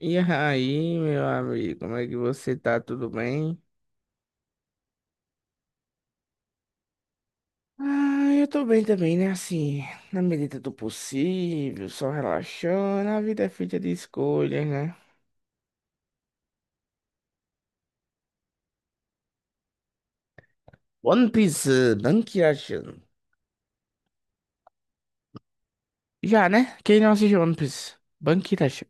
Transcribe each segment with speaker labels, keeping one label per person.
Speaker 1: E aí, meu amigo, como é que você tá? Tudo bem? Ah, eu tô bem também, né? Assim, na medida do possível, só relaxando. A vida é feita de escolhas, né? One Piece, eh, Bankirashan. Já, né? Quem não assistiu One Piece? Bankirashan.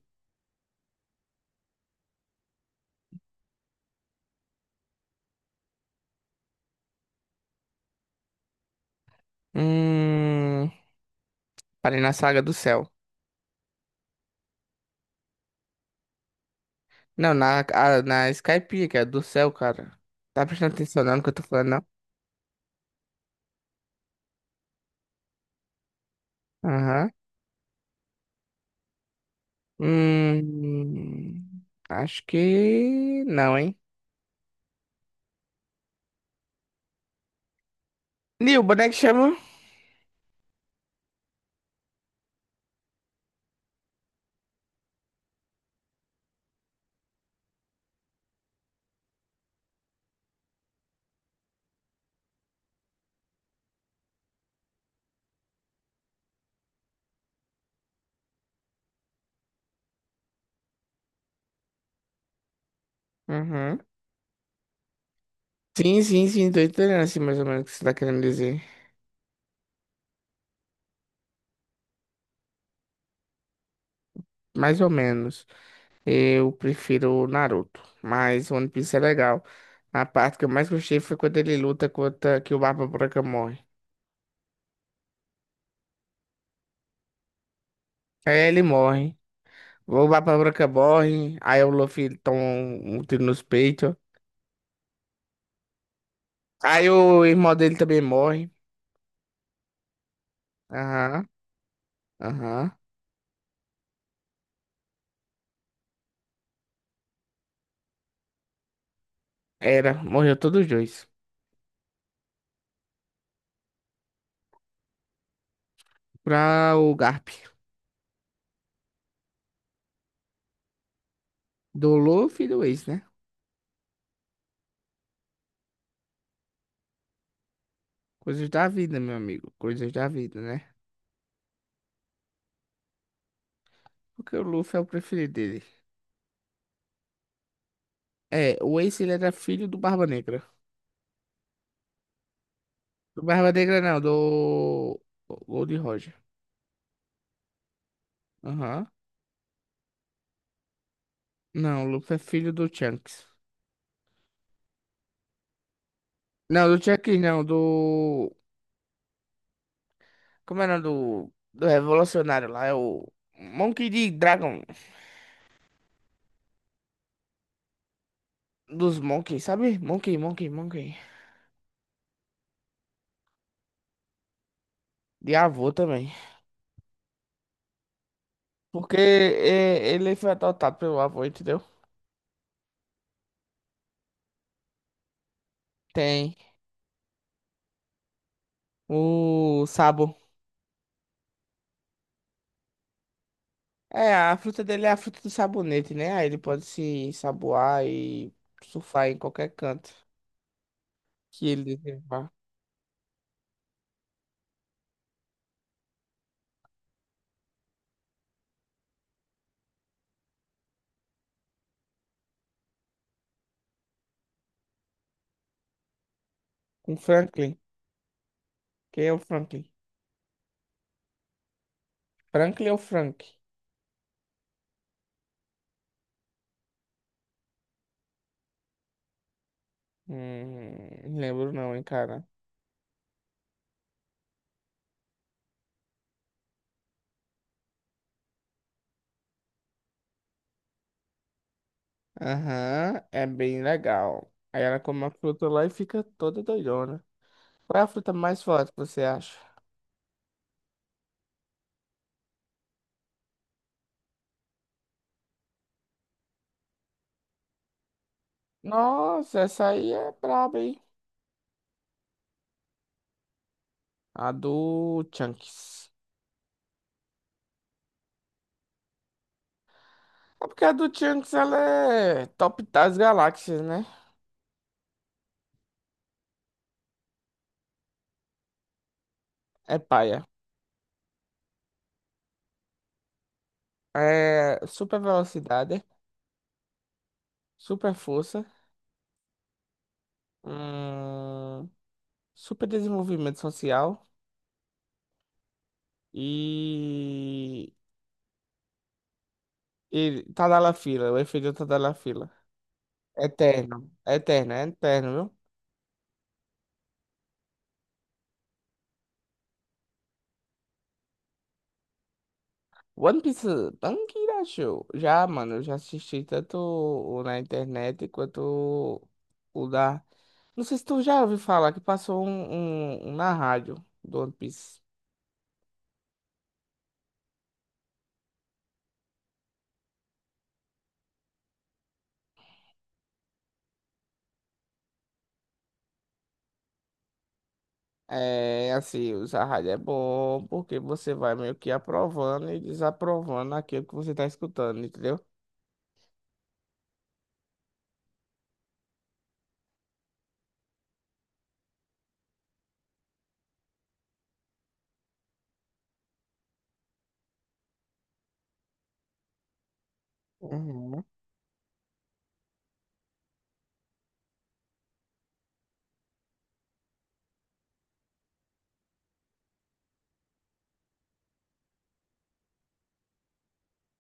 Speaker 1: Hum. Parei na Saga do Céu. Não, na Skype, que é do céu, cara. Tá prestando atenção não, no que eu tô falando, não? Aham. Hum. Acho que não, hein? Nil, boneco chama? Uhum. Sim, sim, sim, tô entendendo assim mais ou menos o que você tá querendo dizer. Mais ou menos. Eu prefiro o Naruto, mas One Piece é legal. A parte que eu mais gostei foi quando ele luta contra que o Barba Branca morre. Aí ele morre. O Barba Branca morre, aí o Luffy toma um tiro nos peitos. Aí o irmão dele também morre. Aham, aham. Era, morreu todos os dois. Pra o Garp. Do Luffy e do Ace, né? Coisas da vida, meu amigo. Coisas da vida, né? Porque o Luffy é o preferido dele. É, o Ace ele era filho do Barba Negra. Do Barba Negra não, do Gold Roger. Aham. Não, o Luffy é filho do Chunks. Não, do Chunks não, do... Como era do... Do revolucionário lá, é o... Monkey de Dragon. Dos Monkey, sabe? Monkey, Monkey, Monkey. De avô também. Porque é, ele foi adotado pelo avô, entendeu? Tem o Sabo. É, a fruta dele é a fruta do sabonete, né? Aí ele pode se saboar e surfar em qualquer canto que ele desejar. Com Franklin. Quem é o Franklin? Franklin ou Frank? Não lembro não, hein, cara. Aham, é bem legal. Aí ela come a fruta lá e fica toda doidona. Qual é a fruta mais forte que você acha? Nossa, essa aí é braba, hein? A do Chunks. É porque a do Chunks, ela é top das galáxias, né? É paia. É, super velocidade, super força, hum, super desenvolvimento social e, e Tadalafila, o efeito Tadalafila. Eterno, eterno, é eterno, viu? One Piece, Tankira Show. Já, mano, eu já assisti tanto o na internet quanto o da. Não sei se tu já ouviu falar que passou um na rádio do One Piece. É, assim, usar rádio é bom porque você vai meio que aprovando e desaprovando aquilo que você tá escutando, entendeu? Uhum.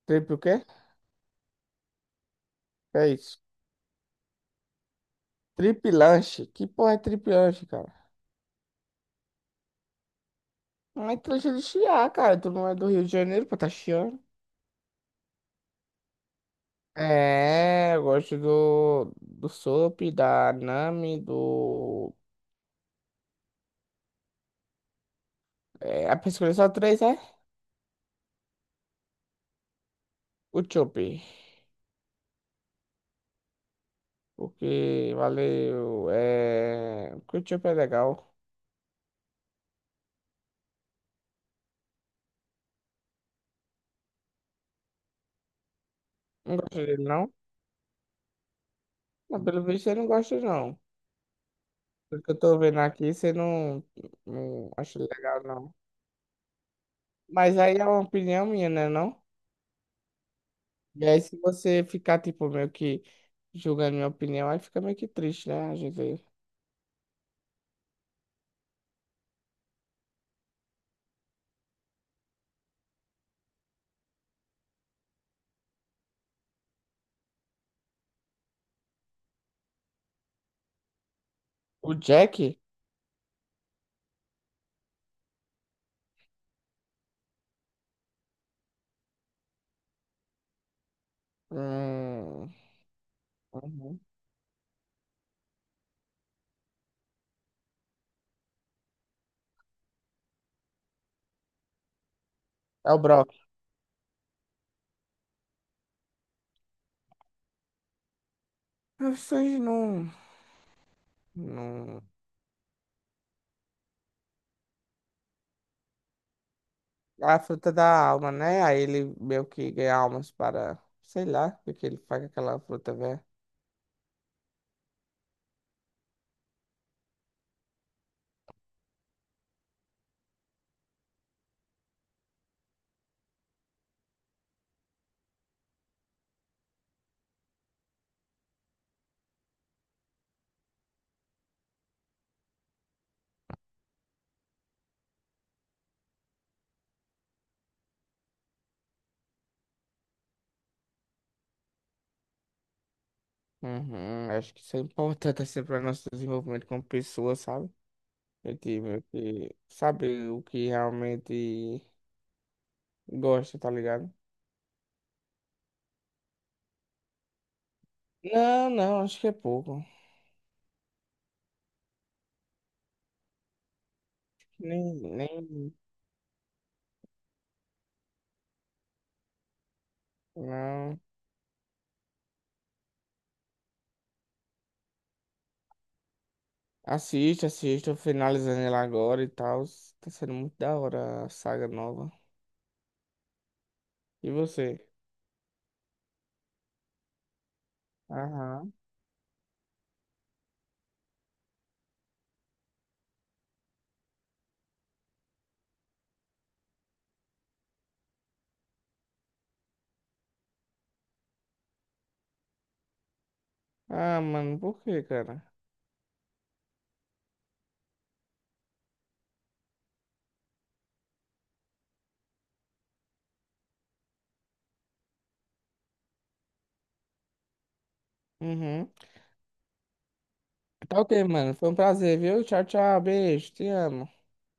Speaker 1: Trip o quê? Que é isso? Trip lanche? Que porra é trip lanche, cara? Não é lanche é de chiar, cara. Tu não é do Rio de Janeiro pra tá chiando. É, eu gosto do, do Soap, da Nami, do. É, a pessoa só três é o Chop. Porque valeu. É. Porque o Chop é legal. Não gosto dele, não? Não, pelo visto você não gosta, não. Pelo que eu tô vendo aqui, você não acha legal, não. Mas aí é uma opinião minha, né, não? E aí se você ficar, tipo, meio que julgando minha opinião, aí fica meio que triste, né? A gente... O Jack. Hum. Uhum. É o brócolis. Vocês não, não. A fruta da alma, né? Aí ele meio que ganha almas para. Sei lá, porque ele faz aquela fruta, velho. Uhum, acho que isso é importante assim para nosso desenvolvimento como pessoa, sabe? A gente meio que sabe o que realmente gosta, tá ligado? Não, não, acho que é pouco. Nem, nem, não. Assiste, assiste, eu finalizando ela agora e tal. Tá sendo muito da hora a saga nova. E você? Aham. Ah, mano, por quê, cara? Uhum. Tá ok, mano. Foi um prazer, viu? Tchau, tchau. Beijo. Te amo.